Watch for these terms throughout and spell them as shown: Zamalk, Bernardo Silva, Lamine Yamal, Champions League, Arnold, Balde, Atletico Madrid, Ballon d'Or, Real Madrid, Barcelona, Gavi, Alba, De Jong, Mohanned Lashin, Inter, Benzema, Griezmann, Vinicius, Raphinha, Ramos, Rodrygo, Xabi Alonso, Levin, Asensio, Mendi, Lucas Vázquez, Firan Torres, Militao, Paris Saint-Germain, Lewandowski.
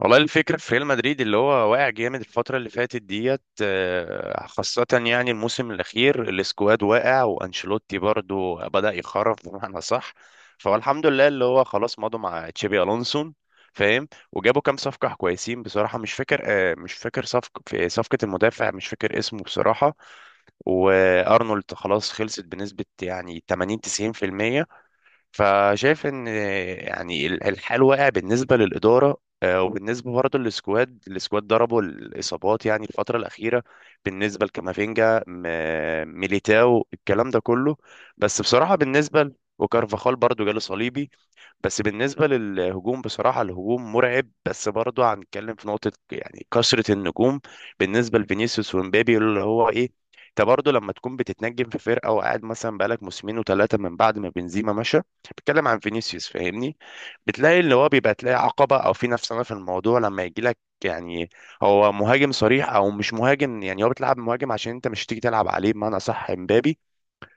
والله الفكرة في ريال مدريد اللي هو واقع جامد الفترة اللي فاتت ديت، خاصة يعني الموسم الأخير. السكواد واقع، وأنشيلوتي برضو بدأ يخرف بمعنى صح. فهو الحمد لله اللي هو خلاص مضوا مع تشابي ألونسون. فاهم، وجابوا كام صفقة كويسين بصراحة. مش فاكر صفقة في صفقة المدافع، مش فاكر اسمه بصراحة. وأرنولد خلاص خلصت بنسبة يعني 80 90%. فشايف ان يعني الحال واقع بالنسبه للاداره، وبالنسبه برضه للسكواد. السكواد ضربوا الاصابات يعني الفتره الاخيره. بالنسبه لكامافينجا، ميليتاو، الكلام ده كله. بس بصراحه بالنسبه وكارفاخال برضه جاله صليبي. بس بالنسبة للهجوم، بصراحة الهجوم مرعب، بس برضه هنتكلم في نقطة يعني كثرة النجوم. بالنسبة لفينيسيوس ومبابي، اللي هو ايه، انت برضه لما تكون بتتنجم في فرقة وقاعد مثلا بقالك موسمين وثلاثة من بعد ما بنزيما مشى، بتكلم عن فينيسيوس، فاهمني؟ بتلاقي اللي هو بيبقى، تلاقي عقبة او في نفسنا في الموضوع لما يجي لك، يعني هو مهاجم صريح او مش مهاجم، يعني هو بتلعب مهاجم عشان انت مش تيجي تلعب عليه بمعنى صح امبابي.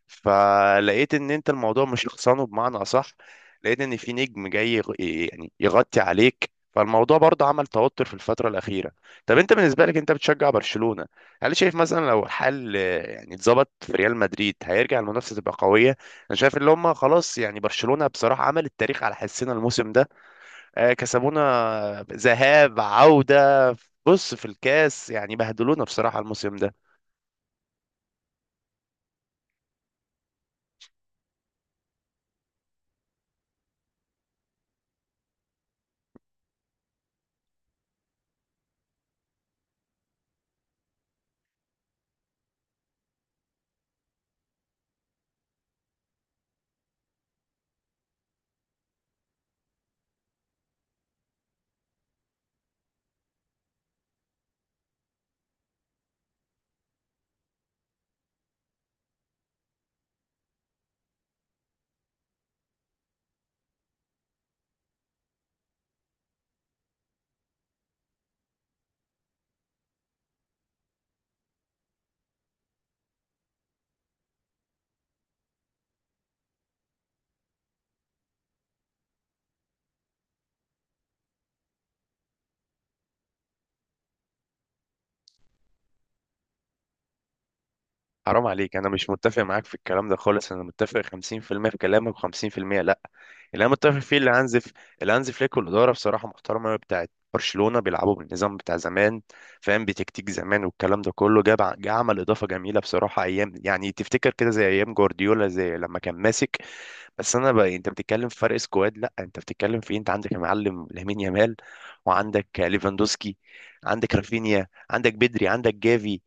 فلقيت ان انت الموضوع مش شخصانه بمعنى اصح، لقيت ان في نجم جاي يعني يغطي عليك، فالموضوع برضه عمل توتر في الفترة الأخيرة. طب انت بالنسبة لك انت بتشجع برشلونة، هل شايف مثلا لو الحل يعني اتظبط في ريال مدريد هيرجع المنافسة تبقى قوية؟ انا شايف اللي هم خلاص، يعني برشلونة بصراحة عمل التاريخ على حسنا الموسم ده. كسبونا ذهاب عودة، بص في الكاس يعني بهدلونا بصراحة الموسم ده. حرام عليك، انا مش متفق معاك في الكلام ده خالص. انا متفق 50% في المية في كلامك و50% لا. اللي انا متفق فيه اللي اللي هانز فليك والاداره بصراحه محترمه أوي بتاعت برشلونه، بيلعبوا بالنظام بتاع زمان. فاهم، بتكتيك زمان، والكلام ده كله جا عمل اضافه جميله بصراحه. ايام يعني تفتكر كده زي ايام جوارديولا زي لما كان ماسك. بس انا بقى، انت بتتكلم في فرق سكواد؟ لا انت بتتكلم في إيه؟ انت عندك يا معلم لامين يامال، وعندك ليفاندوسكي، عندك رافينيا، عندك بدري، عندك جافي،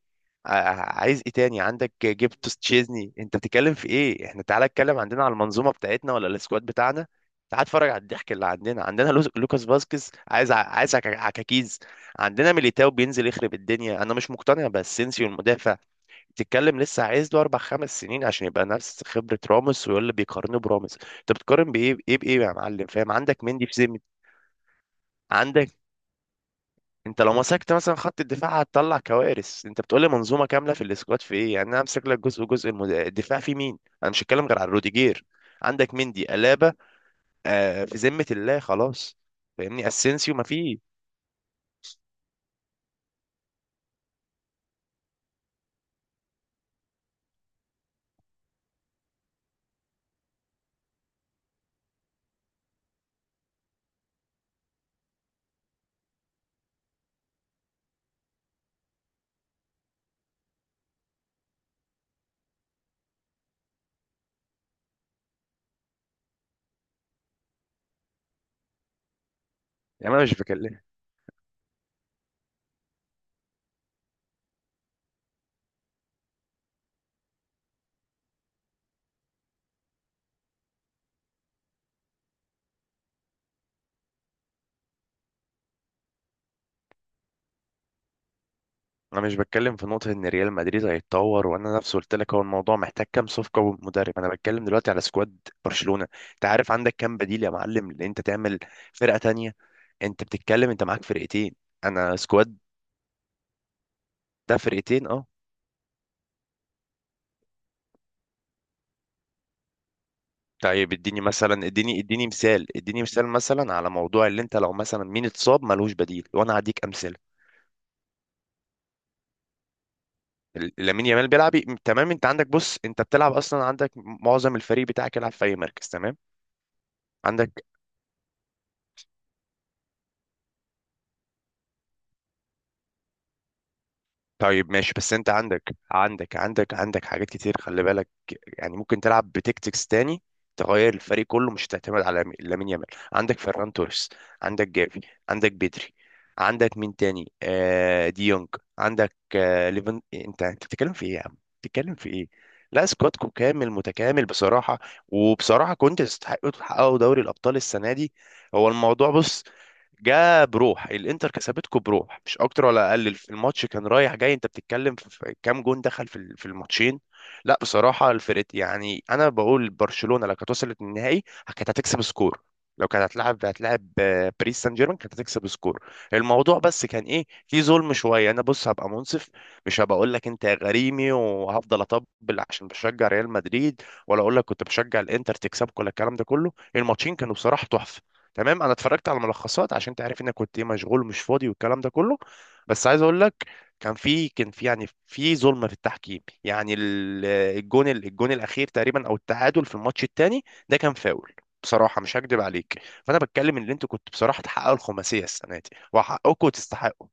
عايز ايه تاني؟ عندك جبتوس، تشيزني، انت بتتكلم في ايه؟ احنا تعالى اتكلم عندنا على المنظومه بتاعتنا ولا السكواد بتاعنا. تعال اتفرج على الضحك اللي عندنا. عندنا لوكاس فاسكيز عايز عايز عكاكيز. عندنا ميليتاو بينزل يخرب الدنيا. انا مش مقتنع باسينسيو المدافع، بتتكلم لسه عايز له اربع خمس سنين عشان يبقى نفس خبره راموس. ويقول اللي بيقارنه براموس، انت بتقارن بايه بايه بايه يا معلم؟ فاهم عندك مندي في ذمه. عندك انت لو مسكت مثلا خط الدفاع هتطلع كوارث. انت بتقول لي منظومه كامله في الاسكواد في ايه يعني؟ انا امسك لك جزء جزء، الدفاع في مين؟ انا مش هتكلم غير عن روديجير. عندك مندي، الابا، آه في ذمه الله خلاص. فاهمني؟ اسينسيو ما فيه. يعني انا مش بكلم انا مش بتكلم في نقطه ان ريال مدريد هيتطور. وانا نفسي قلت لك هو الموضوع محتاج كام صفقه ومدرب. انا بتكلم دلوقتي على سكواد برشلونه. انت عارف عندك كام بديل يا معلم ان انت تعمل فرقه تانية؟ انت بتتكلم انت معاك فرقتين. انا سكواد، ده فرقتين اه. طيب اديني مثلا، اديني مثال، اديني مثال، مثلا على موضوع اللي انت، لو مثلا مين اتصاب ملوش بديل، وانا هديك امثله. لامين يامال بيلعب، تمام، انت عندك بص انت بتلعب اصلا عندك معظم الفريق بتاعك يلعب في اي مركز، تمام. عندك طيب ماشي، بس انت عندك حاجات كتير، خلي بالك. يعني ممكن تلعب بتكتكس تاني، تغير الفريق كله مش تعتمد على لامين يامال. عندك فيران توريس، عندك جافي، عندك بدري، عندك مين تاني؟ آه دي يونج، عندك آه ليفن. انت انت بتتكلم في ايه يا عم، بتتكلم في ايه؟ لا سكوادكم كامل متكامل بصراحة. وبصراحة كنت تستحقوا تحققوا دوري الأبطال السنة دي. هو الموضوع بص، جاء بروح الانتر كسبتكم بروح مش اكتر ولا اقل. في الماتش كان رايح جاي، انت بتتكلم في في كام جون دخل في في الماتشين. لا بصراحه الفرق يعني، انا بقول برشلونه لو كانت وصلت للنهائي كانت هتكسب سكور. لو كانت هتلعب هتلعب باريس سان جيرمان كانت هتكسب سكور. الموضوع بس كان ايه، في ظلم شويه. انا بص هبقى منصف، مش هبقى اقول لك انت غريمي وهفضل اطبل عشان بشجع ريال مدريد، ولا اقول لك كنت بشجع الانتر تكسبك ولا الكلام ده كله. الماتشين كانوا بصراحه تحفه، تمام. انا اتفرجت على ملخصات عشان تعرف انك كنت ايه مشغول ومش فاضي والكلام ده كله. بس عايز اقول لك، كان في يعني في ظلم في التحكيم. يعني الجون الاخير تقريبا، او التعادل في الماتش الثاني ده كان فاول. بصراحه مش هكدب عليك، فانا بتكلم ان انتوا كنتوا بصراحه تحققوا الخماسيه السنه دي وحقكم وتستحقوا.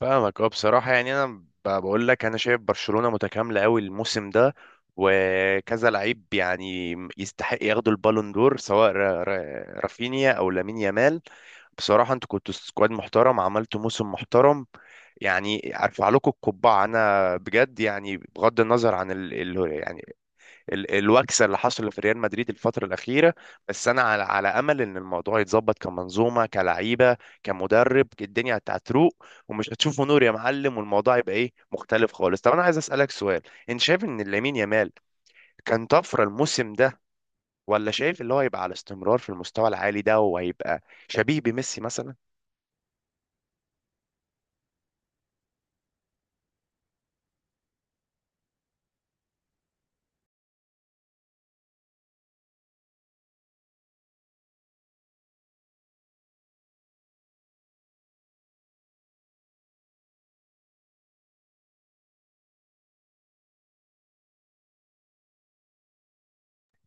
فاهمك اه. بصراحة يعني أنا بقول لك أنا شايف برشلونة متكاملة أوي الموسم ده. وكذا لعيب يعني يستحق ياخدوا البالون دور، سواء رافينيا أو لامين يامال. بصراحة أنتوا كنتوا سكواد محترم، عملتوا موسم محترم. يعني أرفع لكم القبعة أنا بجد، يعني بغض النظر عن يعني الوكسه اللي حصلت في ريال مدريد الفتره الاخيره. بس انا على امل ان الموضوع يتظبط كمنظومه، كلعيبه، كمدرب، الدنيا هتروق ومش هتشوفوا نور يا معلم، والموضوع يبقى ايه مختلف خالص. طب انا عايز اسالك سؤال، انت شايف ان لامين يامال كان طفره الموسم ده، ولا شايف اللي هو هيبقى على استمرار في المستوى العالي ده وهيبقى شبيه بميسي مثلا؟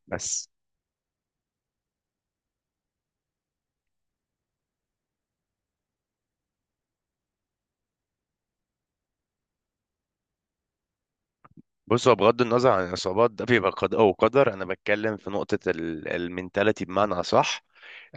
بس بص هو بغض النظر عن الإصابات، ده بيبقى قد أو قدر. أنا بتكلم في نقطة المنتاليتي بمعنى أصح.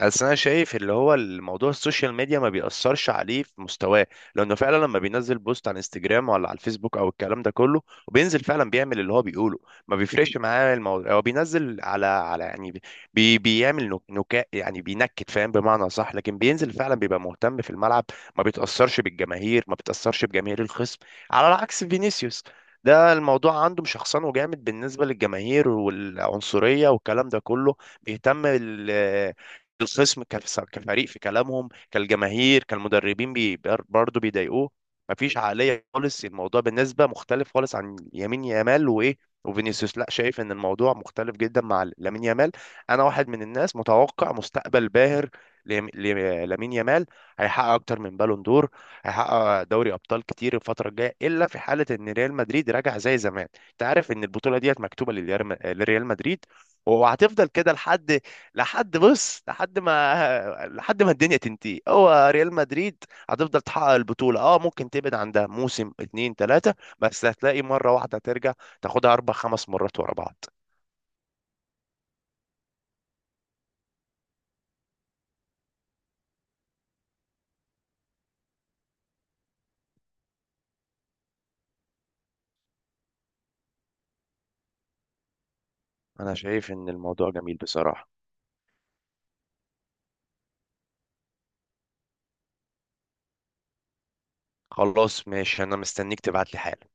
بس أنا شايف اللي هو الموضوع السوشيال ميديا ما بيأثرش عليه في مستواه، لأنه فعلا لما بينزل بوست على انستجرام ولا على الفيسبوك أو الكلام ده كله، وبينزل فعلا بيعمل اللي هو بيقوله، ما بيفرقش معاه الموضوع. هو بينزل على يعني بي بيعمل نكاء يعني بينكت فاهم بمعنى صح، لكن بينزل فعلا بيبقى مهتم في الملعب. ما بيتأثرش بالجماهير، ما بيتأثرش بجماهير الخصم، على عكس فينيسيوس، ده الموضوع عنده مشخصنه جامد بالنسبة للجماهير والعنصرية والكلام ده كله. بيهتم الخصم كفريق، في كلامهم كالجماهير كالمدربين برضه بيضايقوه. مفيش عقلية خالص، الموضوع بالنسبة مختلف خالص عن يمين يامال وإيه وفينيسيوس. لا شايف ان الموضوع مختلف جدا مع لامين يامال. انا واحد من الناس متوقع مستقبل باهر ليم- ليم- لامين يامال، هيحقق اكتر من بالون دور، هيحقق دوري ابطال كتير الفتره الجايه، الا في حاله ان ريال مدريد راجع زي زمان. انت عارف ان البطوله ديت مكتوبه للريال، لريال مدريد، وهتفضل كده لحد، لحد بص لحد ما لحد ما الدنيا تنتهي هو ريال مدريد هتفضل تحقق البطوله، اه ممكن تبعد عندها موسم اتنين تلاته بس هتلاقي مره واحده ترجع تاخدها اربع خمس مرات ورا بعض. انا شايف ان الموضوع جميل بصراحه. خلاص ماشي، انا مستنيك تبعت لي حالا.